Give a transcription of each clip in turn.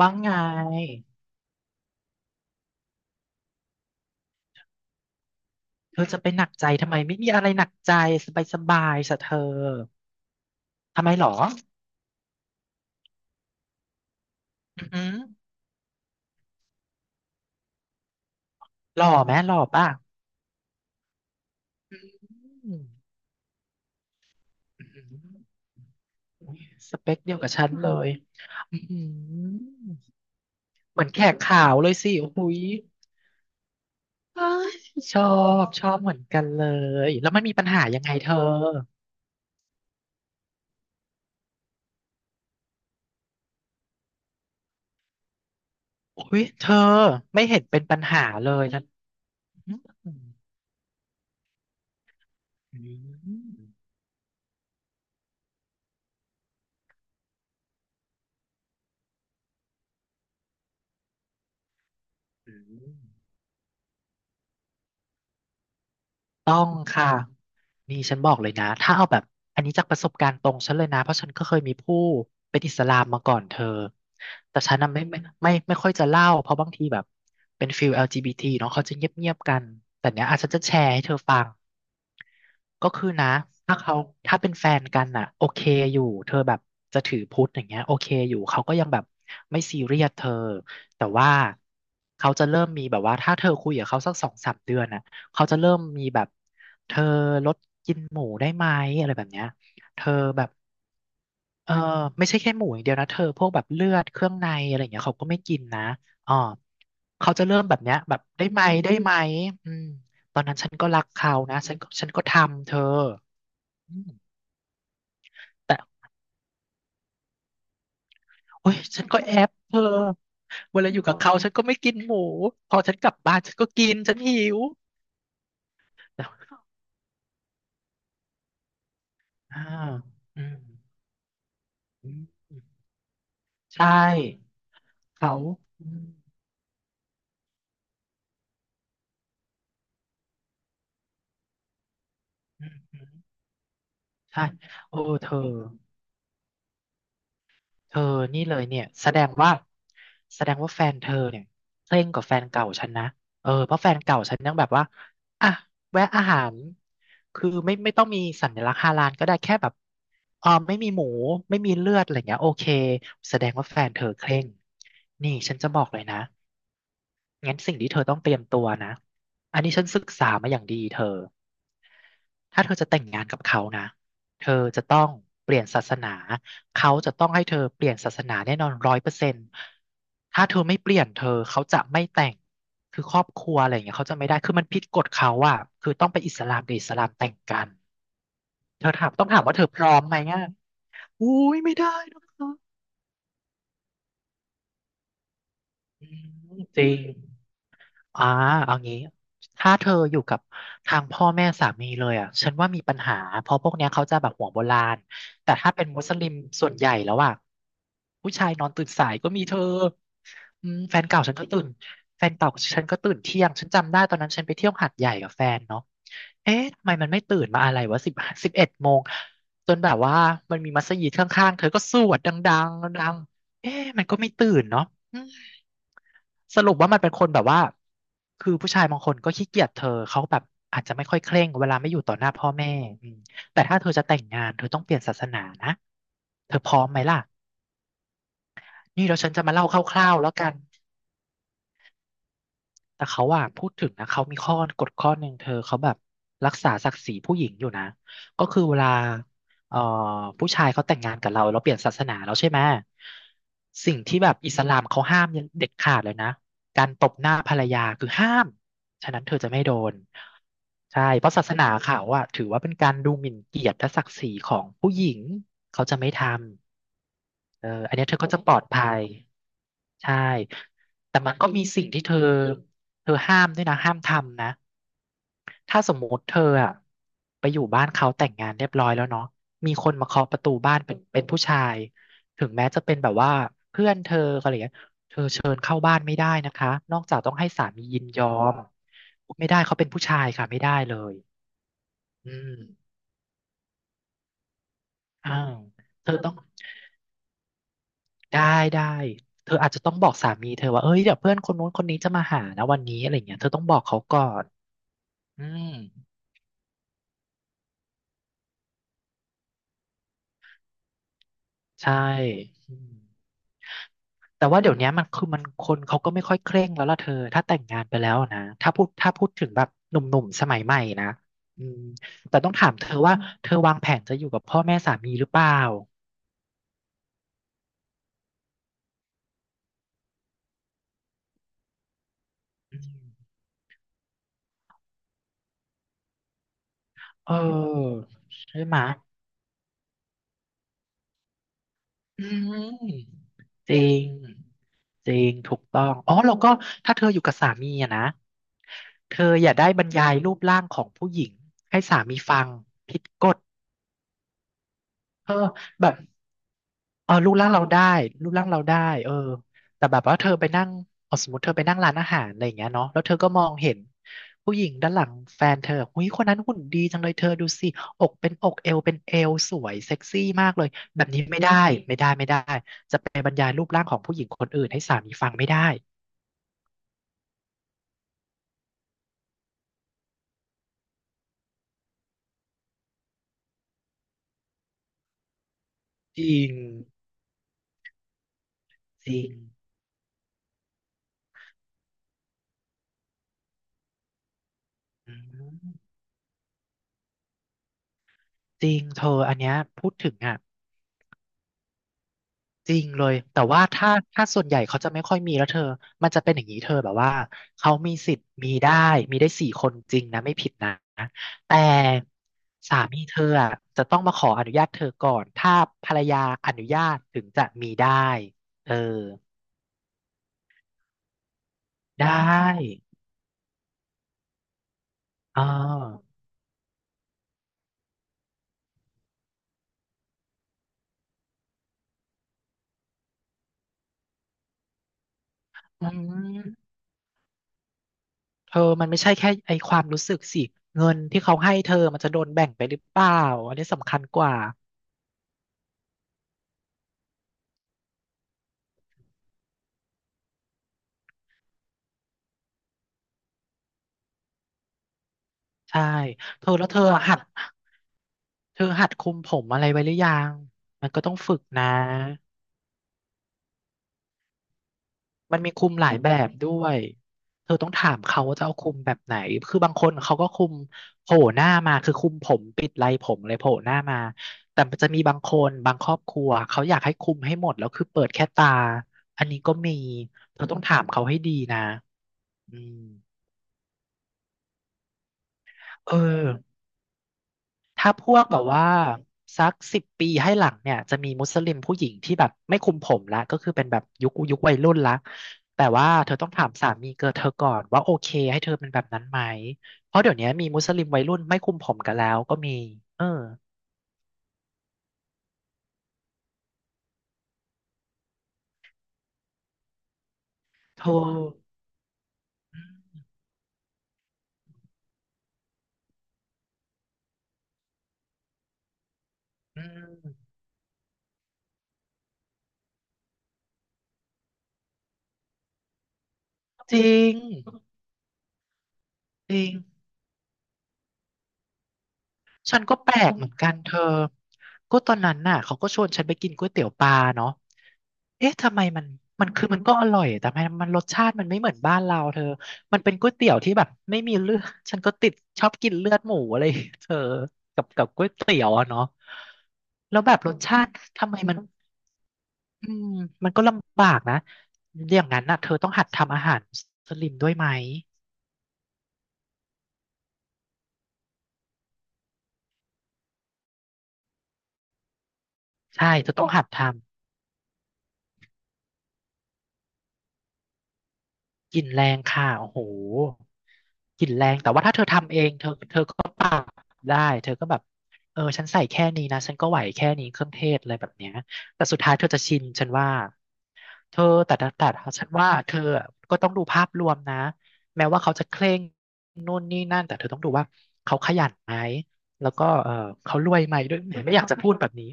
ว่าไงเธอจะไปหนักใจทำไมไม่มีอะไรหนักใจสบายสบายสะเธอทำไมหรออือหือหล่อไหมหล่อป่ะอืมอือหือสเปคเดียวกับฉันเลยอือหือเหมือนแขกขาวเลยสิโอ้โหยอ้ายชอบชอบเหมือนกันเลยแล้วมันมีปัญหายังไงเธออุ้ยเธอไม่เห็นเป็นปัญหาเลยนะอืมอืมอืมต้องค่ะ นี่ฉันบอกเลยนะถ้าเอาแบบอันนี้จากประสบการณ์ตรงฉันเลยนะเพราะฉันก็เคยมีผู้เป็นอิสลามมาก่อนเธอแต่ฉันน่ะไม่ค่อยจะเล่าเพราะบางทีแบบเป็นฟิลแอล LGBT เนาะเขาจะเงียบๆกันแต่เนี้ยอาจจะแชร์ให้เธอฟัง ก็คือนะถ้าเขาถ้าเป็นแฟนกันน่ะโอเคอยู่เธอแบบจะถือพุทธอย่างเงี้ยโอเคอยู่เขาก็ยังแบบไม่ซีเรียสเธอแต่ว่าเขาจะเริ่มมีแบบว่าถ้าเธอคุยกับเขาสัก2-3 เดือนน่ะเขาจะเริ่มมีแบบเธอลดกินหมูได้ไหมอะไรแบบเนี้ยเธอแบบเออไม่ใช่แค่หมูอย่างเดียวนะเธอพวกแบบเลือดเครื่องในอะไรอย่างเงี้ยเขาก็ไม่กินนะอ๋อเขาจะเริ่มแบบเนี้ยแบบได้ไหมได้ไหมอืมตอนนั้นฉันก็รักเขานะ ฉันก็ทำเธอ อืมแต่โอ้ยฉันก็แอบเธอเวลาอยู่กับเขาฉันก็ไม่กินหมูพอฉันกลับบ้านฉันก็กินฉันหิวแอ่าอืมอืมใช่เขาอืมอืมอืมใช่โอ้เธอ เธอนี่เลยเนี่ยแสดงว่าแฟนเธอเนี่ยเคร่งกว่าแฟนเก่าฉันนะเออเพราะแฟนเก่าฉันยังแบบว่าอ่ะแวะอาหาร คือไม่ไม่ต้องมีสัญลักษณ์ฮาลาลก็ได้แค่แบบเออไม่มีหมูไม่มีเลือดอะไรเงี้ยโอเคแสดงว่าแฟนเธอเคร่งนี่ฉันจะบอกเลยนะงั้นสิ่งที่เธอต้องเตรียมตัวนะอันนี้ฉันศึกษามาอย่างดีเธอ ถ้าเธอจะแต่งงานกับเขานะ เธอจะต้องเปลี่ยนศาสนาเขาจะต้องให้เธอเปลี่ยนศาสนาแน่นอน100%ถ้าเธอไม่เปลี่ยนเธอเขาจะไม่แต่งคือครอบครัวอะไรอย่างเงี้ยเขาจะไม่ได้คือมันผิดกฎเขาอะคือต้องไปอิสลามกับอิสลามแต่งกัน เธอถามต้องถามว่าเธอพร้อมไหมอ่ะอุ้ยไม่ได้นะคะอืมจริง อ่าเอางี้ถ้าเธออยู่กับทางพ่อแม่สามีเลยอ่ะฉันว่ามีปัญหาเพราะพวกเนี้ยเขาจะแบบหัวโบราณแต่ถ้าเป็นมุสลิมส่วนใหญ่แล้วอ่ะผู้ชายนอนตื่นสายก็มีเธออืมแฟนเก่าฉันก็ตื่นแฟนเก่าฉันก็ตื่นเที่ยงฉันจำได้ตอนนั้นฉันไปเที่ยวหาดใหญ่กับแฟนเนาะเอ๊ะทำไมมันไม่ตื่นมาอะไรวะ11 โมงจนแบบว่ามันมีมัสยิดข้างๆเธอก็สวดดังๆดังๆเอ๊ะมันก็ไม่ตื่นเนาะ สรุปว่ามันเป็นคนแบบว่าคือผู้ชายบางคนก็ขี้เกียจเธอเขาแบบอาจจะไม่ค่อยเคร่งเวลาไม่อยู่ต่อหน้าพ่อแม่อืมแต่ถ้าเธอจะแต่งงานเธอต้องเปลี่ยนศาสนานะเธอพร้อมไหมล่ะนี่เดี๋ยวฉันจะมาเล่าคร่าวๆแล้วกัน แต่เขาอะพูดถึงนะเขามีข้อกฎข้อหนึ่งเธอเขาแบบรักษาศักดิ์ศรีผู้หญิงอยู่นะก็คือเวลาเอ่อผู้ชายเขาแต่งงานกับเราเราเปลี่ยนศาสนาแล้วใช่ไหมสิ่งที่แบบอิสลามเขาห้ามเด็ดขาดเลยนะการตบหน้าภรรยาคือห้ามฉะนั้นเธอจะไม่โดนใช่เพราะศาสนาเขาอะถือว่าเป็นการดูหมิ่นเกียรติและศักดิ์ศรีของผู้หญิงเขาจะไม่ทำเอออันเนี้ยเธอก็จะปลอดภัยใช่ แต่มันก็มีสิ่งที่เธอเธอห้ามด้วยนะห้ามทำนะถ้าสมมติเธออะไปอยู่บ้านเขาแต่งงานเรียบร้อยแล้วเนาะมีคนมาเคาะประตูบ้านเป็นผู้ชายถึงแม้จะเป็นแบบว่าเพื่อนเธออะไรอย่างเงี้ยเธอเชิญเข้าบ้านไม่ได้นะคะนอกจากต้องให้สามียินยอมไม่ได้เขาเป็นผู้ชายค่ะไม่ได้เลยอืมอ้าวเธอต้องได้ได้เธออาจจะต้องบอกสามีเธอว่าเอ้ยเดี๋ยวเพื่อนคนนู้นคนนี้จะมาหานะวันนี้อะไรเงี้ยเธอต้องบอกเขาก่อนอืม ใช่อืมแต่ว่าเดี๋ยวเนี้ยมันคือมันคนเขาก็ไม่ค่อยเคร่งแล้วล่ะเธอถ้าแต่งงานไปแล้วนะถ้าพูดถึงแบบหนุ่มๆสมัยใหม่นะอืมแต่ต้องถามเธอว่าเธอวางแผนจะอยู่กับพ่อแม่สามีหรือเปล่าอืมเออใช่ไหมอืมจริงจริงถูกต้องอ๋อแล้วก็ถ้าเธออยู่กับสามีอะนะเธออย่าได้บรรยายรูปร่างของผู้หญิงให้สามีฟังผิดกฎเออแบบ เออรูปร่างเราได้รูปร่างเราได้เออแต่แบบว่าเธอไปนั่งเอาสมมติเธอไปนั่งร้านอาหารอะไรอย่างเงี้ยเนาะแล้วเธอก็มองเห็นผู้หญิงด้านหลังแฟนเธอหุ้ยคนนั้นหุ่นดีจังเลยเธอดูสิอกเป็นอกเอวเป็นเอวสวยเซ็กซี่มากเลยแบบนี้ไม่ได้ไม่ได้ไม่ได้จะไปบรรยายรูปร่างของผู้หญิงคนอื่นให้สามีฟังไม่ได้จริงจริงอืมจริงเธออันเนี้ยพูดถึงอ่ะ จริงเลยแต่ว่าถ้าส่วนใหญ่เขาจะไม่ค่อยมีแล้วเธอมันจะเป็นอย่างนี้เธอแบบว่าเขามีสิทธิ์มีได้4 คนจริงนะไม่ผิดนะแต่สามีเธออะจะต้องมาขออนุญาตเธอก่อนถ้าภรรยาอนุญาตถึงจะมีได้เออได้อ๋ออืมเธอมันไม่ใช่แค่ไอความรู้สึกสิเงินที่เขาให้เธอมันจะโดนแบ่งไปหรือเปล่าอันนี้สำคัญกว่าใช่เธอแล้วหัด เธอหัดคุมผมอะไรไว้หรือยัง มันก็ต้องฝึกนะ มันมีคุมหลายแบบด้วยเธอต้องถามเขาว่าจะเอาคุมแบบไหน คือบางคนเขาก็คุมโผล่หน้ามาคือคุมผมปิดไรผมเลยโผล่หน้ามาแต่มันจะมีบางคนบางครอบครัวเขาอยากให้คุมให้หมดแล้วคือเปิดแค่ตาอันนี้ก็มีเธอต้องถามเขาให้ดีนะอืมเออ ถ้าพวกแบบว่าสัก10 ปีให้หลังเนี่ยจะมีมุสลิมผู้หญิงที่แบบไม่คุมผมละก็คือเป็นแบบยุคยุควัยรุ่นละแต่ว่าเธอต้องถามสามีเกิดเธอก่อนว่าโอเคให้เธอเป็นแบบนั้นไหมเพราะเดี๋ยวนี้มีมุสลิมวัยรุ่นไม่คุมผมกันแล้วก็มีเออโธออืมจริงจริง ฉันก็แปลกเหมือนกันเธอก็ตอนนั้นน่ะเขาก็ชวนฉันไปกินก๋วยเตี๋ยวปลาเนาะเอ๊ะทำไมมันมันคือมันก็อร่อยแต่ทำไมมันรสชาติมันไม่เหมือนบ้านเราเธอมันเป็นก๋วยเตี๋ยวที่แบบไม่มีเลือดฉันก็ติดชอบกินเลือดหมูอะไรเธอกับกับก๋วยเตี๋ยวอะเนาะแล้วแบบรสชาติทำไมมันอืมมันก็ลำบากนะอย่างนั้นน่ะเธอต้องหัดทำอาหารมุสลิมด้วยไหมใช่เธอต้องหัดทำ กลิ่นแรงค่ะโอ้โหกลิ่นแรงแต่ว่าถ้าเธอทำเองเธอก็ปรับได้เธอก็แบบเออฉันใส่แค่นี้นะฉันก็ไหวแค่นี้เครื่องเทศอะไรแบบเนี้ยแต่สุดท้ายเธอจะชินฉันว่าเธอแต่ฉันว่าเธอก็ต้องดูภาพรวมนะแม้ว่าเขาจะเคร่งนู่นนี่นั่น แต่เธอต้องดูว่าเขาขยันไหมแล้วก็เออเขารวยไหมด้วยไม่อยากจะพูดแบบนี้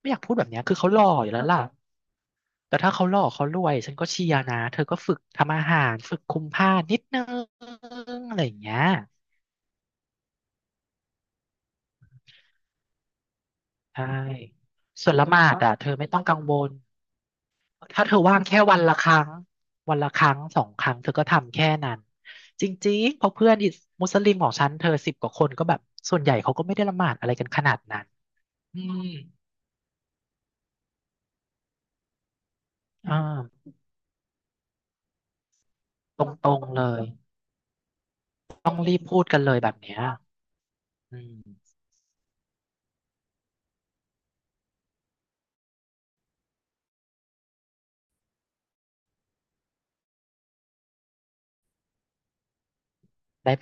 ไม่อยากพูดแบบเนี้ยคือเขาหล่ออยู่แล้วล่ะแต่ถ้าเขาหล่อเขารวยฉันก็เชียร์นะเธอก็ฝึกทำอาหารฝึกคุมผ้านิดนึงอะไรอย่างเงี้ยใช่ส่วนละหมาดอ่ะเธอไม่ต้องกังวลถ้าเธอว่างแค่วันละครั้งวันละครั้ง2 ครั้งเธอก็ทำแค่นั้นจริงๆเพราะเพื่อนมุสลิมของฉันเธอ10 กว่าคนก็แบบส่วนใหญ่เขาก็ไม่ได้ละหมาดอะไรกันขนาดนั้นอืมอ่าตรงๆเลยต้องรีบพูดกันเลยแบบเนี้ยอืมได้